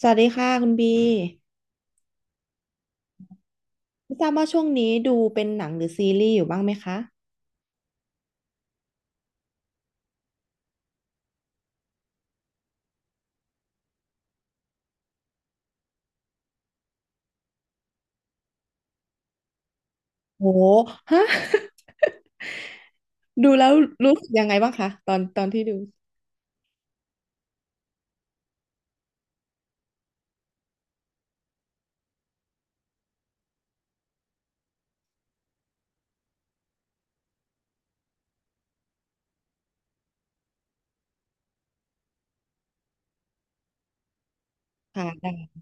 สวัสดีค่ะคุณบีไม่ทราบว่าช่วงนี้ดูเป็นหนังหรือซีรีส์อยู่บ้างไหมคะโหฮะ ดูแล้วรู้สึกยังไงบ้างคะตอนที่ดูค่ะได้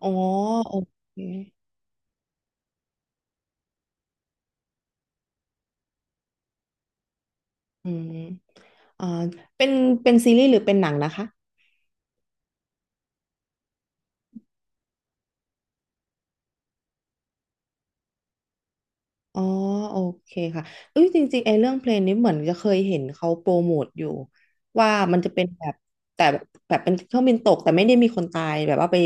อ๋อโอเคอืมอ่าเป็นซีรีส์หรือเป็นหนังนะคะอ๋อโอเคค่ะเอ้ยจริงๆไอ้เรื่องเพลงนี้เหมือนจะเคยเห็นเขาโปรโมทอยู่ว่ามันจะเป็นแบบแต่แบบเป็นเครื่องบินตกแต่ไม่ได้มีคนตายแบบว่าไป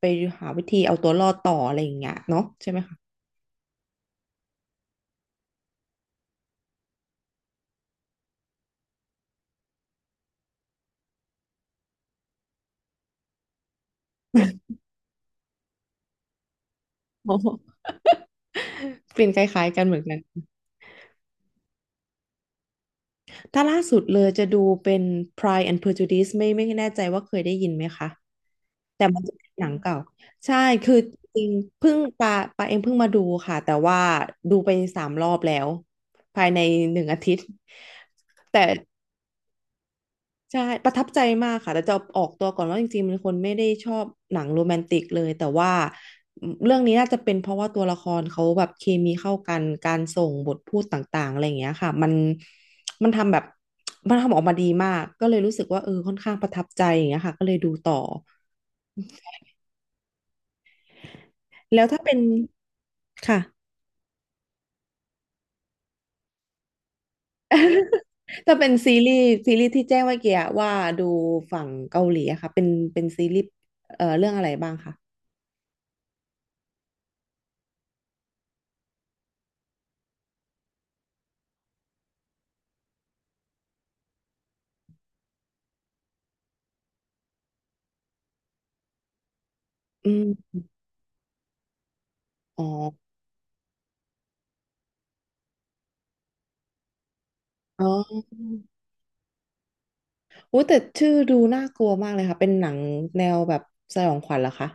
ไปหาวิธีเอาตัวรอดต่ออะไรอย่างเงี้ยเนาะใช่ไหมคะ โอ้โห กลิ่นคล้ายๆกันเหมือนกันถ้าล่าสุดเลยจะดูเป็น Pride and Prejudice ไม่แน่ใจว่าเคยได้ยินไหมคะแต่มันจะเป็นหนังเก่าใช่คือจริงเพิ่งปาเองเพิ่งมาดูค่ะแต่ว่าดูไปสามรอบแล้วภายในหนึ่งอาทิตย์แต่ ใช่ประทับใจมากค่ะแต่จะออกตัวก่อนว่าจริงๆเป็นคนไม่ได้ชอบหนังโรแมนติกเลยแต่ว่าเรื่องนี้น่าจะเป็นเพราะว่าตัวละครเขาแบบเคมีเข้ากันการส่งบทพูดต่างๆอะไรอย่างเงี้ยค่ะมันทำแบบมันทำออกมาดีมากก็เลยรู้สึกว่าเออค่อนข้างประทับใจอย่างเงี้ยค่ะก็เลยดูต่อแล้วถ้าเป็นค่ะถ้าเป็นซีรีส์ที่แจ้งเมื่อกี้อะว่าดูฝั่งเกาหลีอะค่ะเป็นซีรีส์เรื่องอะไรบ้างคะอืมอ๋ออ๋อ โอ้แต่ชื่อดูน่ากลัวมากเลยค่ะเป็นหนังแนวแบบสยองขวัญเหรอคะ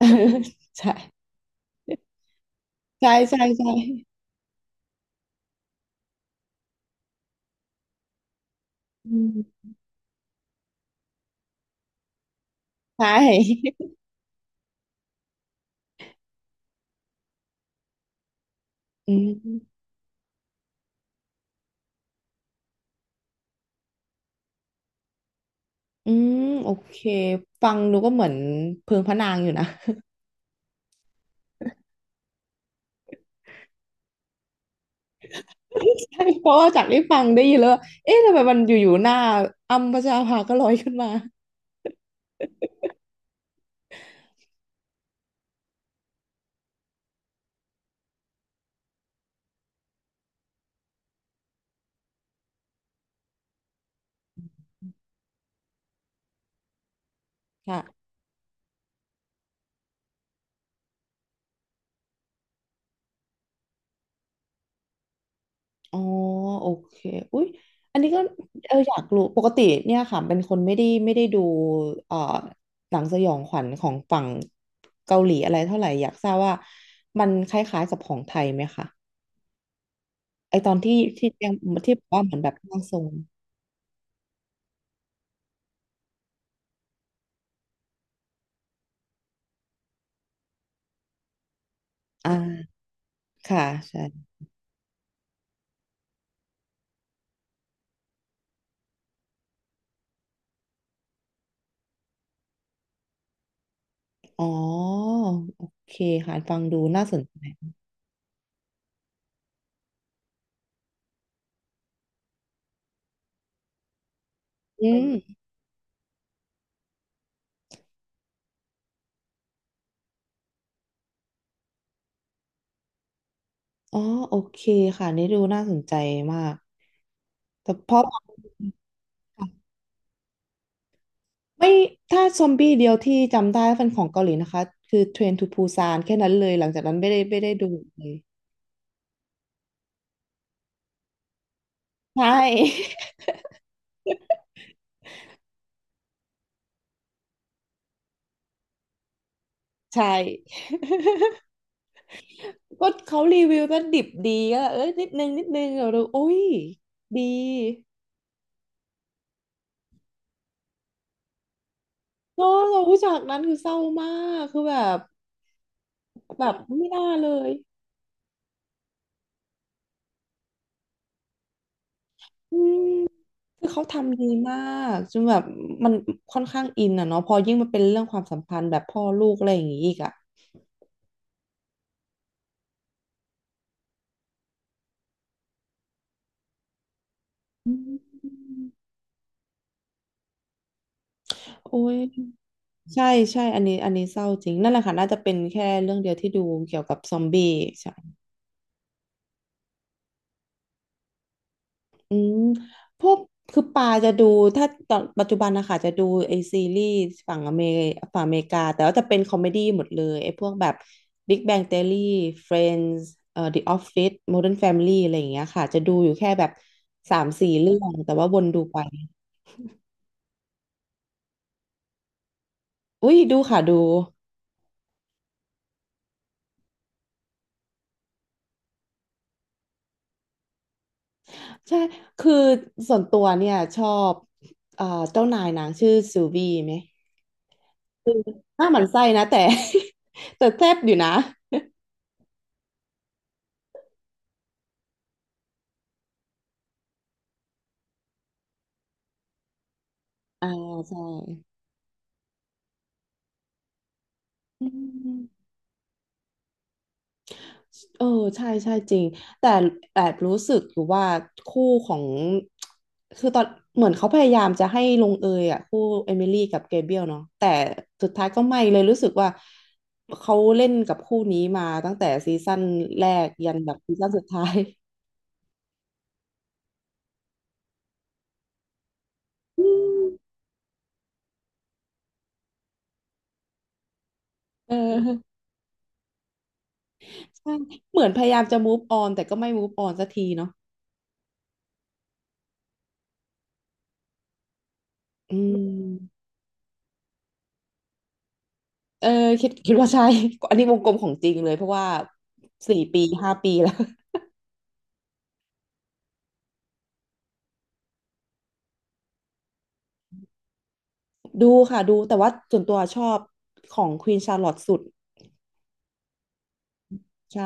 ใช่ใช่ใช่ใช่อืมใช่อืมอืมโอเคฟังดูก็เหมือนเพิงพระนางอยู่นะ ใช่เพราะว่าจากที่ฟังได้ยินแล้วว่าเอ๊ะทำไมมันอยู่ๆหน้าอัมพชราภาก็ลอยขึ้นมาค่ะ อ๋อโอเคอุ๊ยอันนี้ก็เอออยากรู้ปกติเนี่ยค่ะเป็นคนไม่ได้ดูเอ่อหนังสยองขวัญของฝั่งเกาหลีอะไรเท่าไหร่อยากทราบว่ามันคล้ายๆกับของไทยไหมคะไอตอนที่ยังที่บอกว่าเหมือนแบบร่างทรงอ่าค่ะใช่อ๋อโอเคค่ะฟังดูน่าสนใจอืมอ๋อโอเคค่ะนี่ดูน่าสนใจมากแต่เพราะ ไม่ถ้าซอมบี้เดียวที่จำได้ว่าเป็นของเกาหลีนะคะคือเทรนทูปูซานแค่นั้นเลยหลังจากนั้นไม่ได้ดูเลยใช่ ใช่ ก็เขารีวิวก็ดิบดีก็เอ้ยนิดนึงนิดนึงเราอุ้ยดีเนอะเราผู้จากนั้นคือเศร้ามากคือแบบแบบไม่น่าเลยคือเขาทำดีมากจนแบบมันค่อนข้างอินอ่ะเนาะพอยิ่งมันเป็นเรื่องความสัมพันธ์แบบพ่อลูกอะไรอย่างงี้อีกอ่ะอืมโอ้ย ใช่ใช่อันนี้อันนี้เศร้าจริงนั่นแหละค่ะน่าจะเป็นแค่เรื่องเดียวที่ดูเกี่ยวกับซอมบี้ใช่อืมพวกคือปาจะดูถ้าตอนปัจจุบันนะคะจะดูไอซีรีส์ฝั่งอเมริฝั่งอเมริกาแต่ว่าจะเป็นคอมเมดี้หมดเลยไอพวกแบบ Big Bang Theory Friends The Office Modern Family อะไรอย่างเงี้ยค่ะจะดูอยู่แค่แบบสามสี่เรื่องแต่ว่าวนดูไปอุ้ยดูค่ะดูใช่คือส่วนตัวเนี่ยชอบเอ่อเจ้านายนางชื่อซูวีไหม หน้าหมั่นไส้นะแต่ แต่แซ่บอยู่นะอ่าใช่อืมเออใช่ใช่จริงแต่แอบรู้สึกอยู่ว่าคู่ของคือตอนเหมือนเขาพยายามจะให้ลงเอยอ่ะคู่เอมิลี่กับเกเบรียลเนาะแต่สุดท้ายก็ไม่เลยรู้สึกว่าเขาเล่นกับคู่นี้มาตั้งแต่ซีซั่นแรกยันแบบซีซั่นสุดท้าย อืมเออใช่เหมือนพยายามจะ move on แต่ก็ไม่ move on สักทีเนาะอืม เออคิดว่าใช่ อันนี้วงกลมของจริงเลยเพราะว่าสี่ปีห้าปีแล้ว ดูค่ะดูแต่ว่าส่วนตัวชอบของควีนชาร์ลอตสุดใช่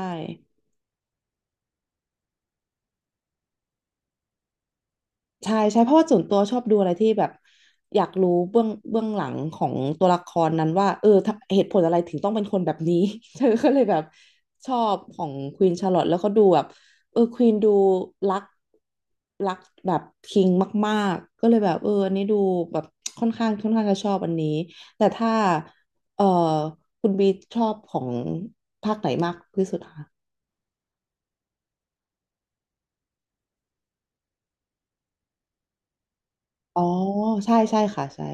ใช่ใช่เพราะว่าส่วนตัวชอบดูอะไรที่แบบอยากรู้เบื้องหลังของตัวละครนั้นว่าเออถ้าเหตุผลอะไรถึงต้องเป็นคนแบบนี้ เธอก็เลยแบบชอบของควีนชาร์ลอตแล้วก็ดูแบบเออควีนดูรัก แบบคิงมากๆก็เลยแบบเอออันนี้ดูแบบค่อนข้างจะชอบอันนี้แต่ถ้าเออคุณบีชอบของภาคไหนมากที่สุดคะอ๋อใช่ใช่ค่ะใช่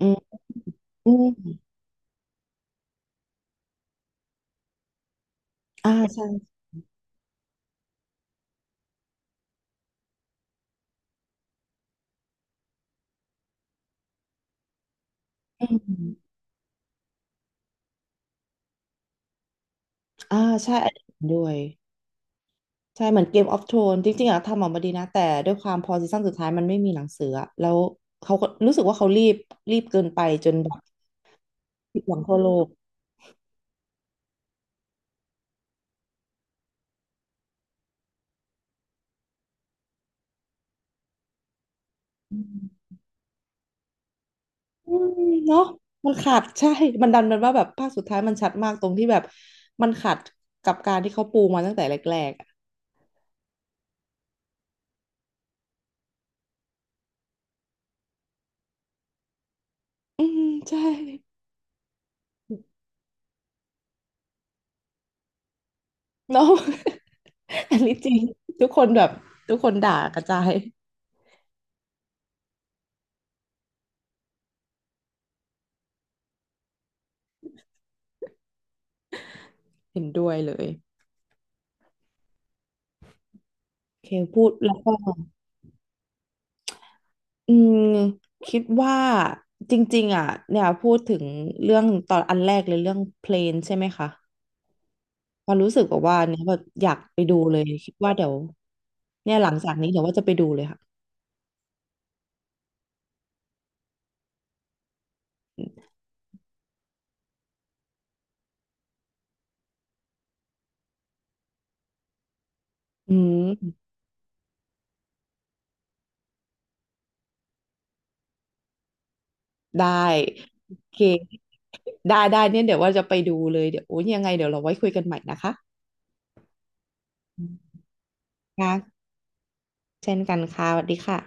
อืมอืมอ่าใช่อืมอ่าใช่อันนี้เห็นด้วยใช่เหมือนเกมออฟโทนจริงๆอะทำออกมาดีนะแต่ด้วยความพอซีซั่นสุดท้ายมันไม่มีหนังสืออะแล้วเขาก็รู้สึกว่าเขารีบเกินไปจนแบบผิดหวังทั่วโลก อืมเนาะมันขาดใช่ มันดันมันว่าแบบภาคสุดท้ายมันชัดมากตรงที่แบบมันขัดกับการที่เขาปูมาตั้งแต่แรกๆอะอืมใช่เนาะ อันนี้จริงทุกคนแบบทุกคนด่ากระจายเห็นด้วยเลยโอเคพูดแล้วก็อืมคิดว่าจริงๆอ่ะเนี่ยพูดถึงเรื่องตอนอันแรกเลยเรื่องเพลนใช่ไหมคะพอรู้สึกแบบว่าเนี่ยแบบอยากไปดูเลยคิดว่าเดี๋ยวเนี่ยหลังจากนี้เดี๋ยวว่าจะไปดูเลยค่ะอืม ได้โอเคได้ได้เนี่ยเดี๋ยวว่าจะไปดูเลยเดี๋ยวโอ้ยยังไงเดี๋ยวเราไว้คุยกันใหม่นะคะอืมค่ะเช่นกันค่ะสวัสดีค่ะ